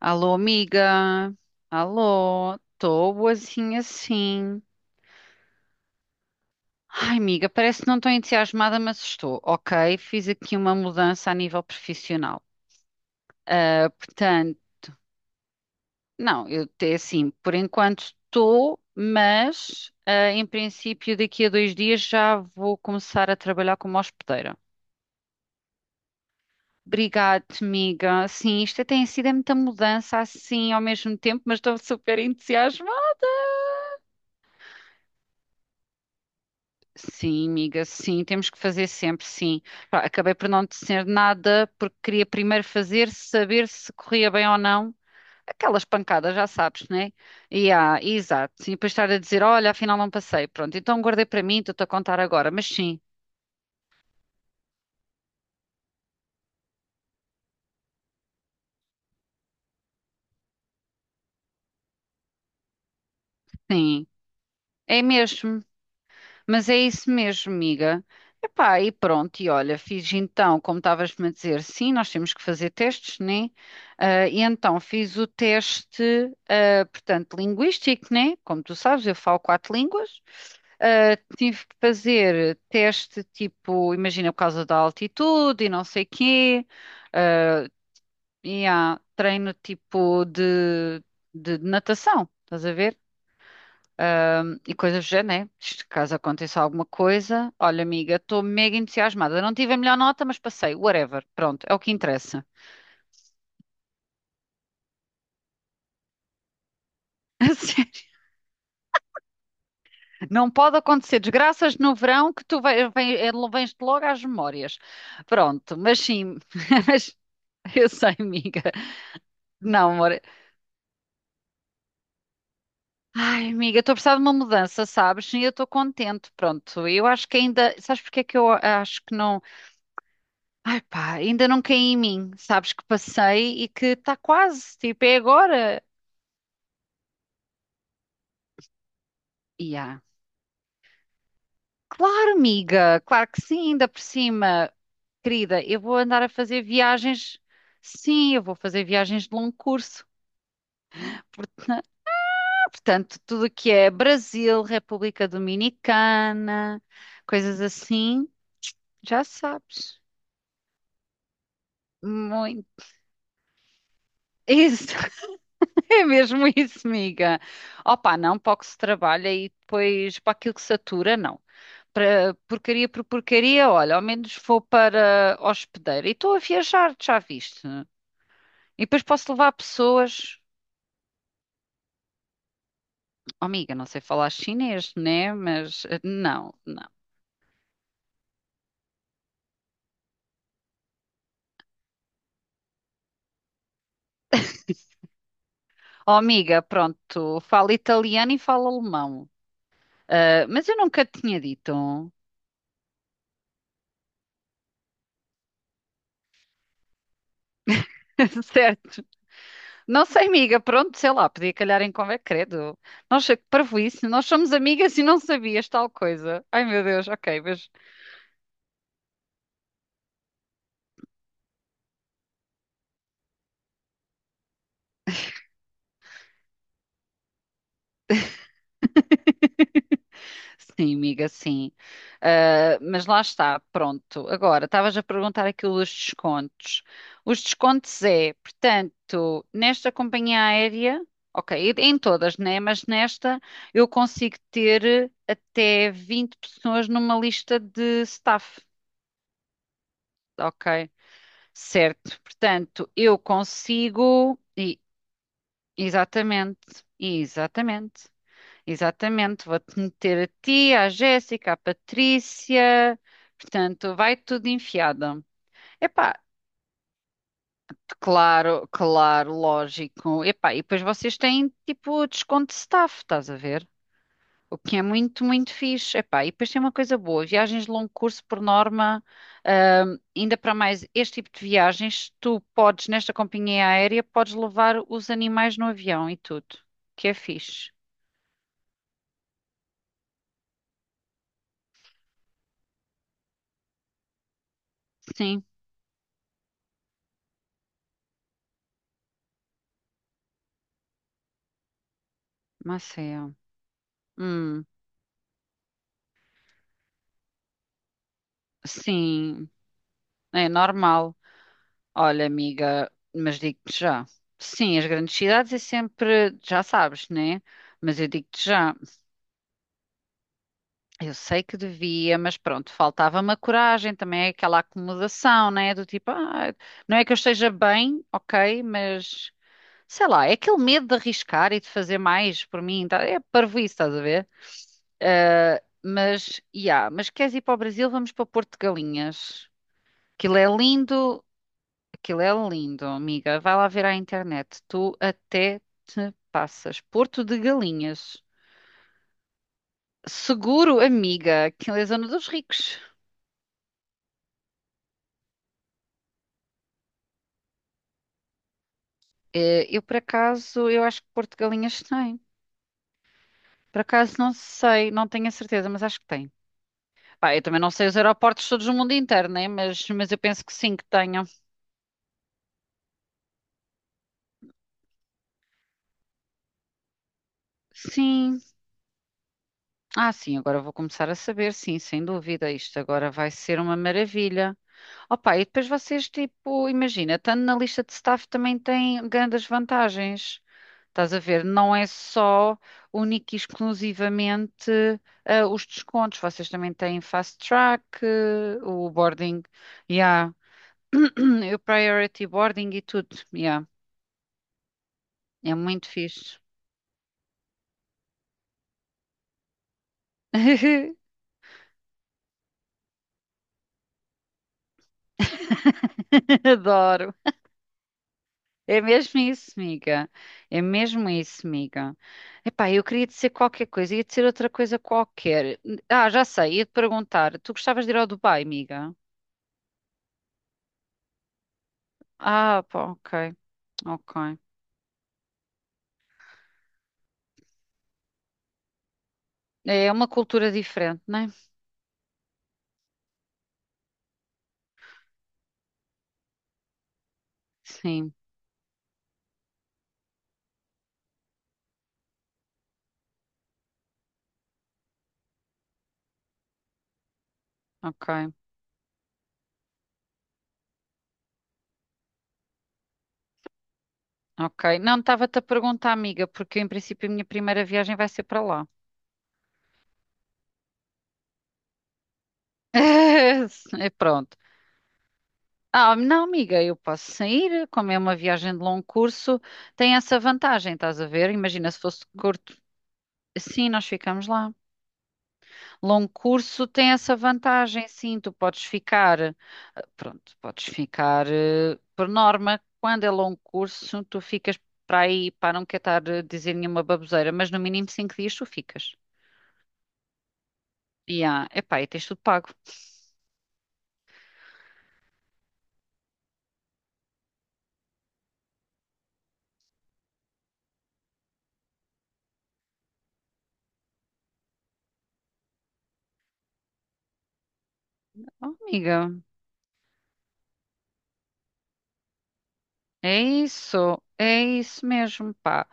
Alô, amiga. Alô, estou boazinha sim. Ai, amiga, parece que não estou entusiasmada, mas estou. Ok, fiz aqui uma mudança a nível profissional. Ah, portanto, não, eu até assim, por enquanto estou, mas ah, em princípio daqui a 2 dias já vou começar a trabalhar como hospedeira. Obrigada, amiga. Sim, isto tem sido é muita mudança assim ao mesmo tempo, mas estou super entusiasmada. Sim, amiga, sim, temos que fazer sempre, sim. Pá, acabei por não dizer nada porque queria primeiro fazer, saber se corria bem ou não. Aquelas pancadas, já sabes, né? E ah, exato. E depois estar a dizer, olha, afinal não passei. Pronto, então guardei para mim, estou-te a contar agora. Mas sim, sim, é mesmo. Mas é isso mesmo, amiga. Epá, e pronto, e olha, fiz então, como estavas-me a dizer, sim, nós temos que fazer testes, né? Ah, e então fiz o teste, ah, portanto, linguístico, né? Como tu sabes, eu falo quatro línguas. Ah, tive que fazer teste, tipo, imagina, por causa da altitude e não sei quê. Ah, e há treino tipo de natação, estás a ver? E coisas do género, né? Isto, caso aconteça alguma coisa, olha, amiga, estou mega entusiasmada. Não tive a melhor nota, mas passei, whatever. Pronto, é o que interessa. A sério. Não pode acontecer desgraças no verão que tu vens-te logo às memórias. Pronto, mas sim, mas eu sei, amiga. Não, amor. Ai, amiga, estou a precisar de uma mudança, sabes? E eu estou contente. Pronto, eu acho que ainda. Sabes porque é que eu acho que não. Ai pá, ainda não caí em mim. Sabes que passei e que está quase, tipo, é agora. E há. Claro, amiga, claro que sim, ainda por cima. Querida, eu vou andar a fazer viagens. Sim, eu vou fazer viagens de longo curso. Por- Portanto, tudo o que é Brasil, República Dominicana, coisas assim, já sabes. Muito. Isso, é mesmo isso, amiga. Opa, não, para o que se trabalha e depois para aquilo que satura, não. Para porcaria por porcaria, olha, ao menos vou para hospedeiro. E estou a viajar, já viste? E depois posso levar pessoas. Oh, amiga, não sei falar chinês, né? Mas eh, não, não. Oh, amiga, pronto, fala italiano e fala alemão. Ah, mas eu nunca te tinha dito. Certo. Não sei, amiga, pronto, sei lá, podia calhar em convém, credo. Nossa, que parvoíce, nós somos amigas e não sabias tal coisa. Ai, meu Deus, ok, mas. Sim, amiga, sim. Ah, mas lá está, pronto. Agora, estavas a perguntar aquilo dos descontos. Os descontos é, portanto, nesta companhia aérea, ok, em todas, né? Mas nesta eu consigo ter até 20 pessoas numa lista de staff, ok? Certo. Portanto, eu consigo. Exatamente, exatamente. Exatamente, vou-te meter a ti, à Jéssica, à Patrícia, portanto, vai tudo enfiado. Epá, claro, claro, lógico. Epá, e depois vocês têm tipo desconto de staff, estás a ver? O que é muito, muito fixe. Epá, e depois tem uma coisa boa, viagens de longo curso, por norma, ainda para mais este tipo de viagens, tu podes, nesta companhia aérea, podes levar os animais no avião e tudo, que é fixe. Sim, Maceió. Hum. Sim, é normal. Olha, amiga, mas digo-te já. Sim, as grandes cidades é sempre, já sabes, né? Mas eu digo-te já, eu sei que devia, mas pronto, faltava-me a coragem, também é aquela acomodação, né? Do tipo, ah, não é que eu esteja bem, ok, mas sei lá, é aquele medo de arriscar e de fazer mais por mim, tá? É parvoíce, estás a ver? Ah, mas, yeah, mas queres ir para o Brasil, vamos para Porto de Galinhas. Aquilo é lindo. Aquilo é lindo, amiga. Vai lá ver à internet. Tu até te passas. Porto de Galinhas. Seguro, amiga. Aquilo é a zona dos ricos. Eh, eu, por acaso, eu acho que Porto de Galinhas tem. Por acaso, não sei, não tenho a certeza, mas acho que tem. Pá, eu também não sei os aeroportos todos no mundo inteiro, né? Mas eu penso que sim, que tenham. Sim. Ah, sim, agora vou começar a saber, sim, sem dúvida. Isto agora vai ser uma maravilha. Opa, e depois vocês, tipo, imagina, estando na lista de staff também tem grandes vantagens. Estás a ver? Não é só única e exclusivamente ah, os descontos. Vocês também têm fast track, eh, o boarding, yeah. O priority boarding e tudo. Yeah. É muito fixe. Adoro. É mesmo isso, amiga. É mesmo isso, amiga. Epá, eu queria dizer qualquer coisa, ia dizer outra coisa qualquer. Ah, já sei, ia te perguntar. Tu gostavas de ir ao Dubai, amiga? Ah, pá, ok, ok. É uma cultura diferente, não é? Sim, ok, ok. Não, estava-te a perguntar, amiga, porque em princípio a minha primeira viagem vai ser para lá. É pronto. Ah, não, amiga, eu posso sair, como é uma viagem de longo curso, tem essa vantagem, estás a ver? Imagina se fosse. Sim, nós ficamos lá. Longo curso tem essa vantagem, sim, tu podes ficar, eh, pronto, podes ficar, eh, por norma, quando é longo curso, tu ficas para aí, para não quer estar a dizer nenhuma baboseira, mas no mínimo 5 dias tu ficas. E ah, epá, e tens tudo pago. Oh, amiga. É isso mesmo, pá.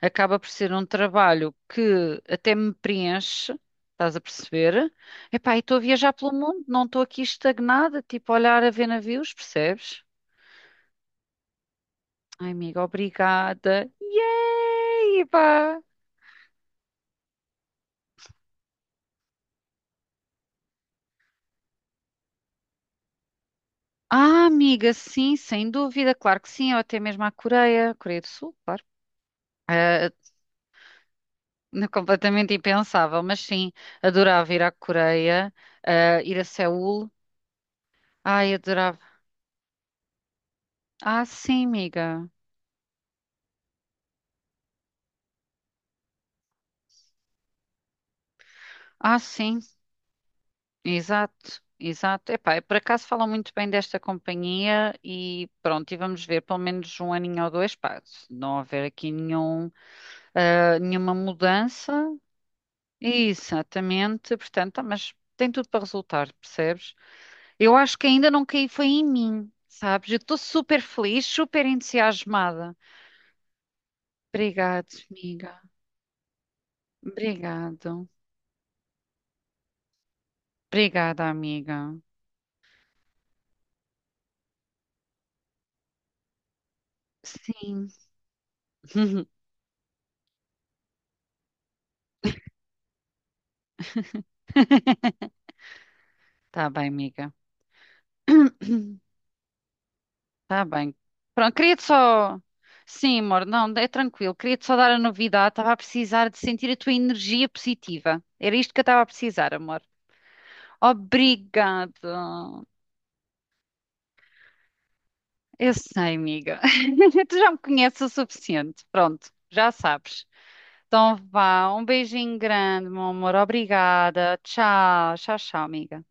Acaba por ser um trabalho que até me preenche, estás a perceber? Epá, e estou a viajar pelo mundo, não estou aqui estagnada, tipo a olhar a ver navios, percebes? Ai, amiga, obrigada. Yay, pá. Ah, amiga, sim, sem dúvida, claro que sim, ou até mesmo à Coreia, Coreia do Sul, claro. Ah, completamente impensável, mas sim, adorava ir à Coreia, ah, ir a Seul. Ai, adorava. Ah, sim, amiga. Ah, sim, exato, exato. Epá, eu por acaso falam muito bem desta companhia e pronto, e vamos ver pelo menos um aninho ou dois, pá, se não houver aqui nenhum, ah, nenhuma mudança. Exatamente, portanto, ah, mas tem tudo para resultar, percebes? Eu acho que ainda não caí, foi em mim, sabes? Eu estou super feliz, super entusiasmada. Obrigado, amiga. Obrigado. Obrigada, amiga. Sim. Tá bem, amiga. Tá bem. Pronto, queria-te só. Sim, amor, não, é tranquilo. Queria-te só dar a novidade. Estava a precisar de sentir a tua energia positiva. Era isto que eu estava a precisar, amor. Obrigada. Eu sei, amiga. Tu já me conheces o suficiente. Pronto, já sabes. Então vá, um beijinho grande, meu amor. Obrigada. Tchau, tchau, tchau, amiga.